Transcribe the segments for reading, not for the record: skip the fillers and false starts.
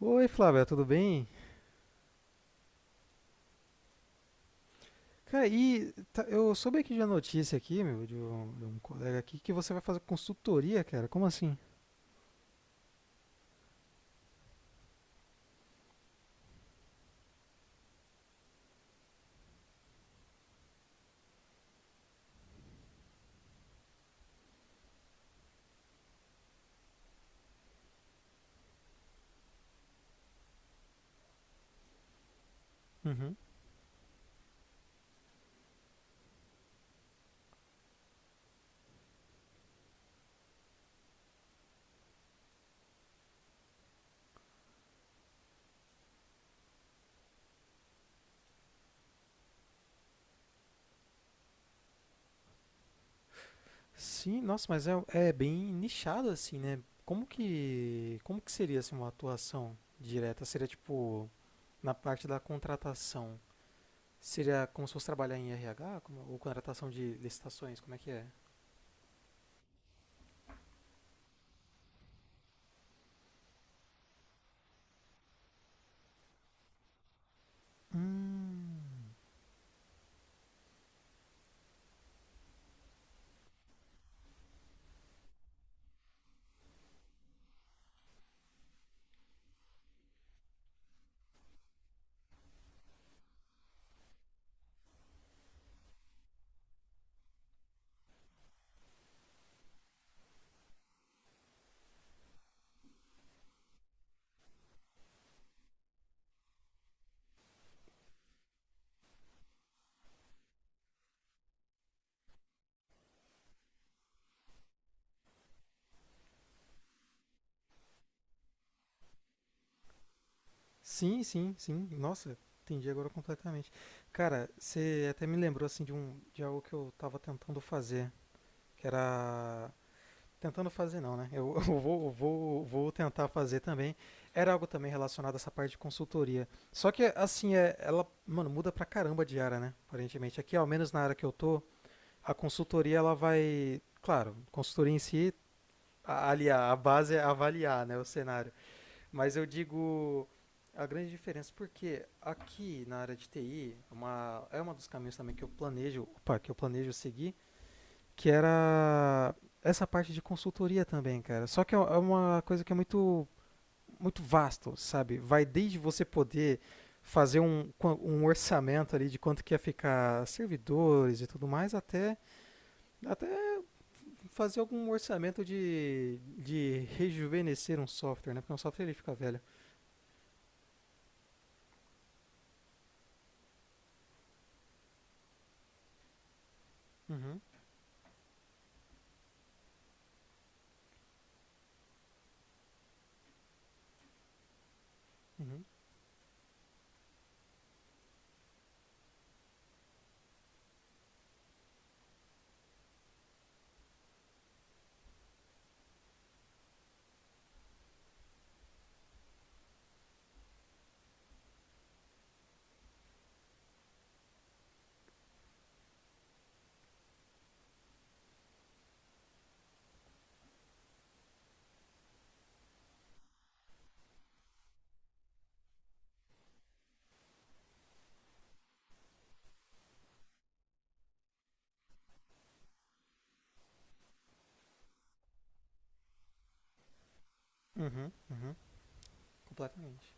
Oi, Flávia, tudo bem? Cara, eu soube aqui de uma notícia aqui, meu, de um colega aqui, que você vai fazer consultoria, cara. Como assim? Uhum. Sim, nossa, mas é bem nichado assim, né? Como que seria assim uma atuação direta? Seria tipo na parte da contratação? Seria como se fosse trabalhar em RH, como, ou contratação de licitações? Como é que é? Hum. Sim, sim, sim. Nossa, entendi agora completamente. Cara, você até me lembrou assim de algo que eu tava tentando fazer, que era tentando fazer não, né? Eu, eu vou tentar fazer também. Era algo também relacionado a essa parte de consultoria. Só que assim, é, ela, mano, muda pra caramba de área, né? Aparentemente aqui, ao menos na área que eu tô, a consultoria ela vai, claro, consultoria em si, ali a base é avaliar, né, o cenário. Mas eu digo a grande diferença, porque aqui na área de TI, uma, é um dos caminhos também que eu planejo, opa, que eu planejo seguir, que era essa parte de consultoria também, cara. Só que é uma coisa que é muito, muito vasto, sabe? Vai desde você poder fazer um orçamento ali de quanto que ia ficar servidores e tudo mais, até fazer algum orçamento de rejuvenescer um software, né? Porque um software ele fica velho. Uhum, uhum. Uhum, uhum, completamente.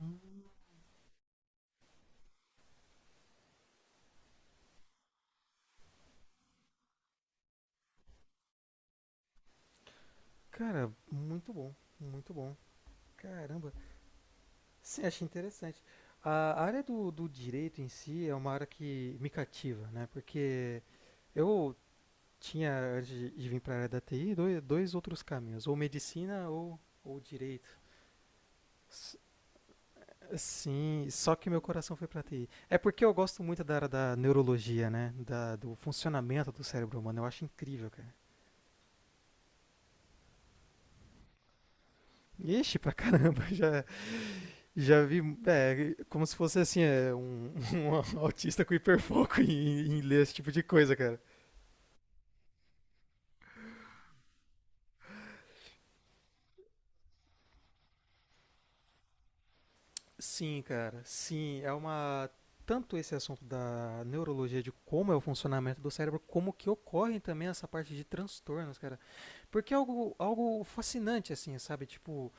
Hum. Cara, muito bom, muito bom. Caramba, sim, achei interessante. A área do direito em si é uma área que me cativa, né? Porque eu tinha, antes de vir para a área da TI, dois outros caminhos, ou medicina ou direito. S- Sim, só que meu coração foi para TI. É porque eu gosto muito da área da neurologia, né? Da, do funcionamento do cérebro humano, eu acho incrível, cara. Ixi, pra caramba, já. Já vi, é, como se fosse assim, é, um, um autista com hiperfoco em ler esse tipo de coisa, cara. Sim, cara, sim, é uma tanto esse assunto da neurologia de como é o funcionamento do cérebro, como que ocorrem também essa parte de transtornos, cara. Porque é algo fascinante, assim, sabe? Tipo,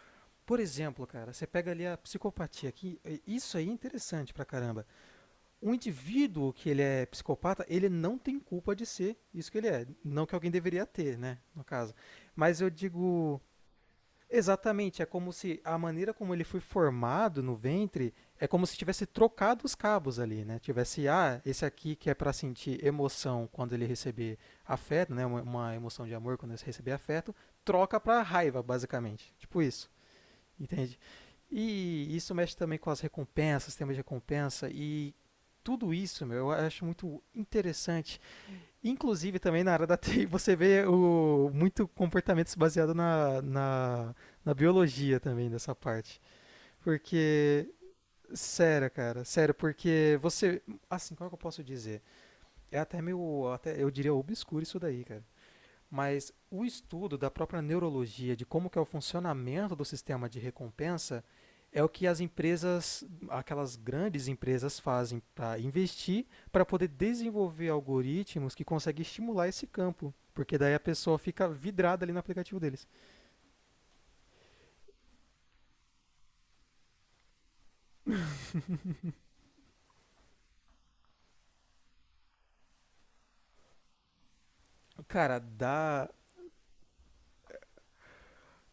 por exemplo, cara, você pega ali a psicopatia, que isso aí é interessante pra caramba. Um indivíduo que ele é psicopata, ele não tem culpa de ser isso que ele é. Não que alguém deveria ter, né? No caso. Mas eu digo. Exatamente, é como se a maneira como ele foi formado no ventre é como se tivesse trocado os cabos ali, né? Tivesse, ah, esse aqui que é para sentir emoção quando ele receber afeto, né? Uma emoção de amor quando ele receber afeto, troca para raiva, basicamente. Tipo isso. Entende? E isso mexe também com as recompensas, sistema de recompensa e tudo isso, meu, eu acho muito interessante. Inclusive também na área da TI você vê o, muito comportamento baseado na biologia também dessa parte. Porque, sério, cara, sério, porque você, assim, como é que eu posso dizer? É até meio, até, eu diria obscuro isso daí, cara. Mas o estudo da própria neurologia, de como que é o funcionamento do sistema de recompensa, é o que as empresas, aquelas grandes empresas fazem para investir, para poder desenvolver algoritmos que conseguem estimular esse campo. Porque daí a pessoa fica vidrada ali no aplicativo deles. Cara, dá.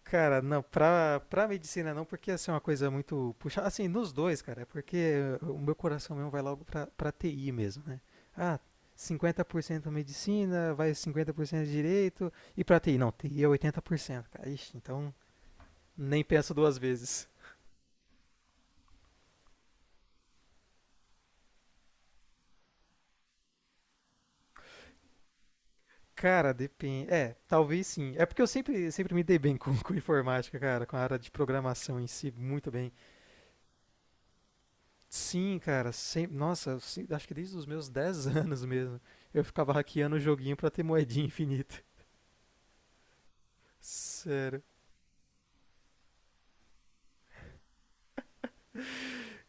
Cara, não, pra medicina não, porque assim, é uma coisa muito puxada. Assim, nos dois, cara, é porque o meu coração mesmo vai logo pra TI mesmo, né? Ah, 50% medicina, vai 50% direito, e pra TI? Não, TI é 80% cara. Ixi, então nem penso duas vezes. Cara, depende. É, talvez sim. É porque eu sempre, sempre me dei bem com informática, cara, com a área de programação em si, muito bem. Sim, cara, sempre, nossa, acho que desde os meus 10 anos mesmo, eu ficava hackeando o joguinho pra ter moedinha infinita. Sério,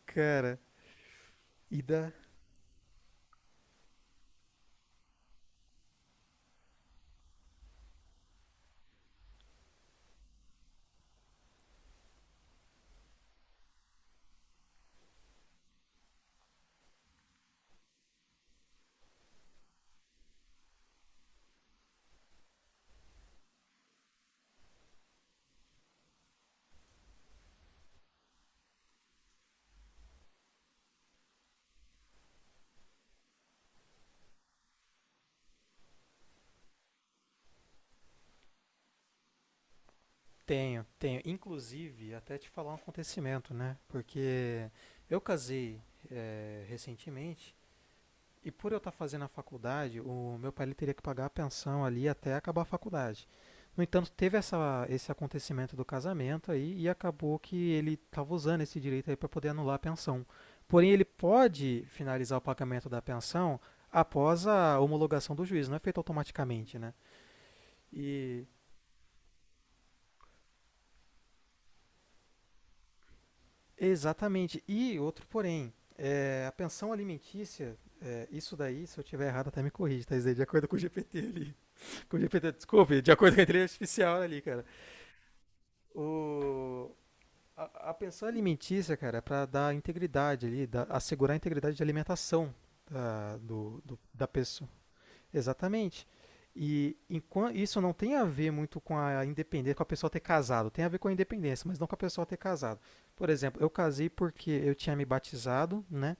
cara. e da... Tenho, tenho. Inclusive, até te falar um acontecimento, né? Porque eu casei recentemente. E por eu estar fazendo a faculdade, o meu pai ele teria que pagar a pensão ali até acabar a faculdade. No entanto, teve esse acontecimento do casamento aí e acabou que ele estava usando esse direito aí para poder anular a pensão. Porém, ele pode finalizar o pagamento da pensão após a homologação do juiz, não é feito automaticamente, né? E exatamente. E outro porém, é, a pensão alimentícia, é, isso daí, se eu tiver errado, até me corrige, tá? Isso de acordo com o GPT ali. Com o GPT, desculpe, de acordo com a inteligência artificial ali, cara. O, a pensão alimentícia, cara, é para dar integridade ali, assegurar a integridade de alimentação da pessoa. Exatamente. E isso não tem a ver muito com a independência, com a pessoa ter casado. Tem a ver com a independência, mas não com a pessoa ter casado. Por exemplo, eu casei porque eu tinha me batizado, né?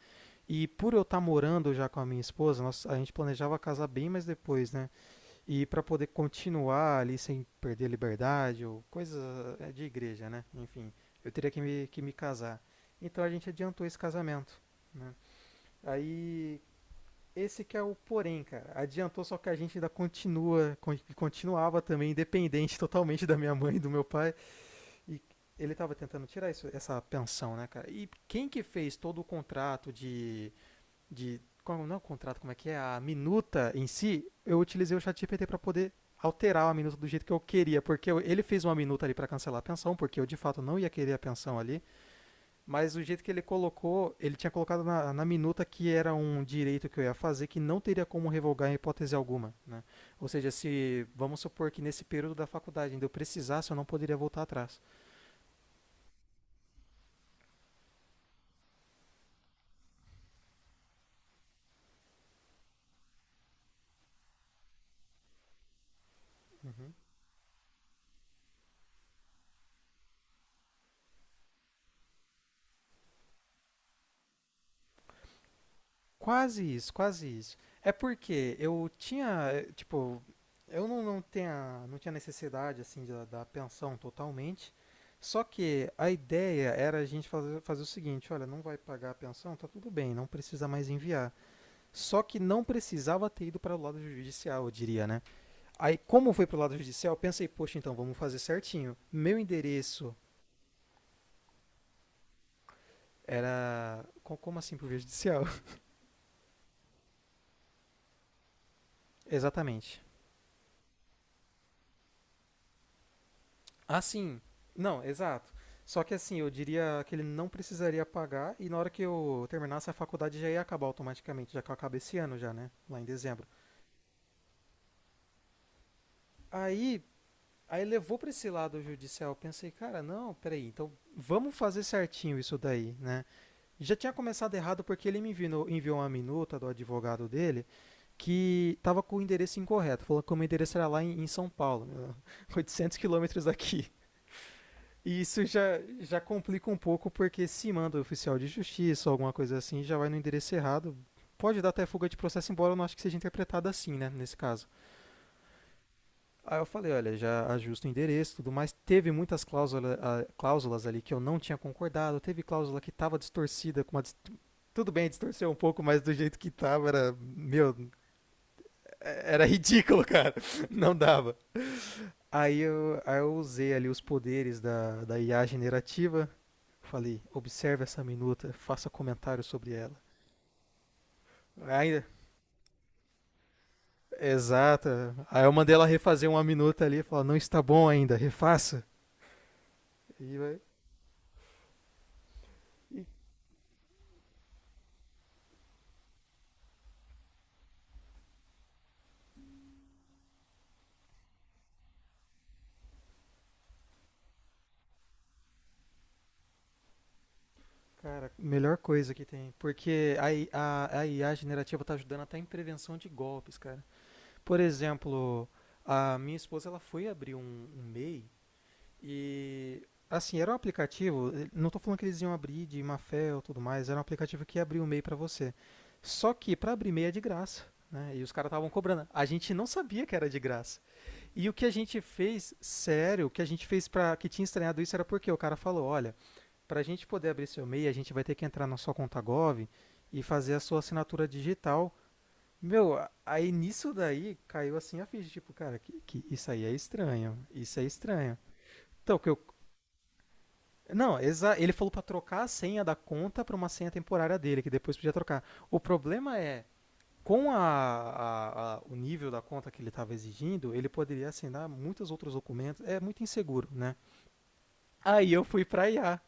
E por eu estar morando já com a minha esposa, nós, a gente planejava casar bem mais depois, né? E para poder continuar ali sem perder a liberdade ou coisa de igreja, né? Enfim, eu teria que que me casar. Então a gente adiantou esse casamento, né? Aí esse que é o porém, cara. Adiantou só que a gente ainda continuava também independente totalmente da minha mãe e do meu pai e ele estava tentando tirar essa pensão, né, cara? E quem que fez todo o contrato de qual não é o contrato, como é que é a minuta em si, eu utilizei o ChatGPT para poder alterar a minuta do jeito que eu queria, porque ele fez uma minuta ali para cancelar a pensão, porque eu de fato não ia querer a pensão ali, mas o jeito que ele colocou, ele tinha colocado na minuta que era um direito que eu ia fazer que não teria como revogar em hipótese alguma, né? Ou seja, se vamos supor que nesse período da faculdade ainda eu precisasse, eu não poderia voltar atrás. Quase isso, quase isso. É porque eu tinha, tipo, eu não tinha necessidade assim da pensão totalmente. Só que a ideia era a gente fazer, o seguinte, olha, não vai pagar a pensão, tá tudo bem, não precisa mais enviar. Só que não precisava ter ido para o lado judicial, eu diria, né? Aí, como foi para o lado judicial, eu pensei, poxa, então vamos fazer certinho. Meu endereço era co- Como assim para o judicial? Exatamente. Ah, sim. Não, exato. Só que assim, eu diria que ele não precisaria pagar e na hora que eu terminasse a faculdade já ia acabar automaticamente, já que eu acabei esse ano já, né? Lá em dezembro. Aí, aí levou pra esse lado judicial. Eu pensei, cara, não, peraí, então vamos fazer certinho isso daí, né? Já tinha começado errado porque ele me enviou uma minuta do advogado dele que tava com o endereço incorreto. Falou que o meu endereço era lá em São Paulo, né, 800 km daqui. E isso já complica um pouco, porque se manda o oficial de justiça ou alguma coisa assim, já vai no endereço errado. Pode dar até fuga de processo, embora eu não acho que seja interpretado assim, né, nesse caso. Aí eu falei, olha, já ajusta o endereço e tudo mais. Teve muitas cláusulas ali que eu não tinha concordado, teve cláusula que estava distorcida, tudo bem distorcer um pouco, mas do jeito que estava era ridículo, cara. Não dava. Aí eu usei ali os poderes da IA generativa. Falei, observe essa minuta, faça comentário sobre ela. Ainda. Exata. Aí eu mandei ela refazer uma minuta ali, falar, não está bom ainda, refaça. E vai. Cara, melhor coisa que tem. Porque a IA generativa tá ajudando até em prevenção de golpes, cara. Por exemplo, a minha esposa ela foi abrir um MEI. E assim, era um aplicativo, não estou falando que eles iam abrir de má fé ou tudo mais, era um aplicativo que abria o MEI para você. Só que para abrir MEI é de graça, né? E os caras estavam cobrando. A gente não sabia que era de graça. E o que a gente fez, sério, o que a gente fez para que tinha estranhado isso era porque o cara falou, olha, para a gente poder abrir seu MEI, a gente vai ter que entrar na sua conta Gov e fazer a sua assinatura digital. Meu, aí nisso daí caiu assim a ficha, tipo, cara, que isso aí é estranho, isso é estranho. Então, o que eu não, exa ele falou pra trocar a senha da conta pra uma senha temporária dele, que depois podia trocar. O problema é, com a- o nível da conta que ele estava exigindo, ele poderia assinar muitos outros documentos. É muito inseguro, né? Aí eu fui pra IA.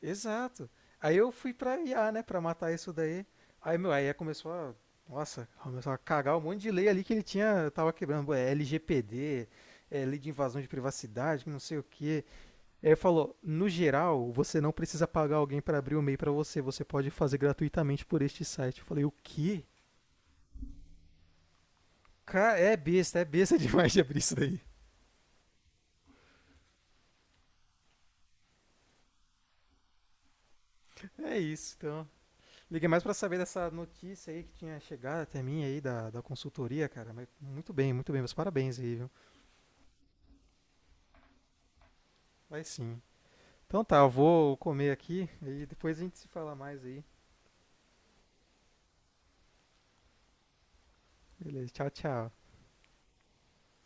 Exato. Aí eu fui pra IA, né, pra matar isso daí. Aí meu, nossa, começou a cagar um monte de lei ali que ele tinha, tava quebrando, é, LGPD, é, lei de invasão de privacidade, que não sei o quê. Ele falou: no geral, você não precisa pagar alguém para abrir o e-mail pra você, você pode fazer gratuitamente por este site. Eu falei: o quê? Cara, é besta demais de abrir isso daí. É isso, então. Liguei mais para saber dessa notícia aí que tinha chegado até mim aí da consultoria, cara. Mas muito bem, meus parabéns aí, viu? Vai sim. Então tá, eu vou comer aqui e depois a gente se fala mais aí. Beleza, tchau, tchau.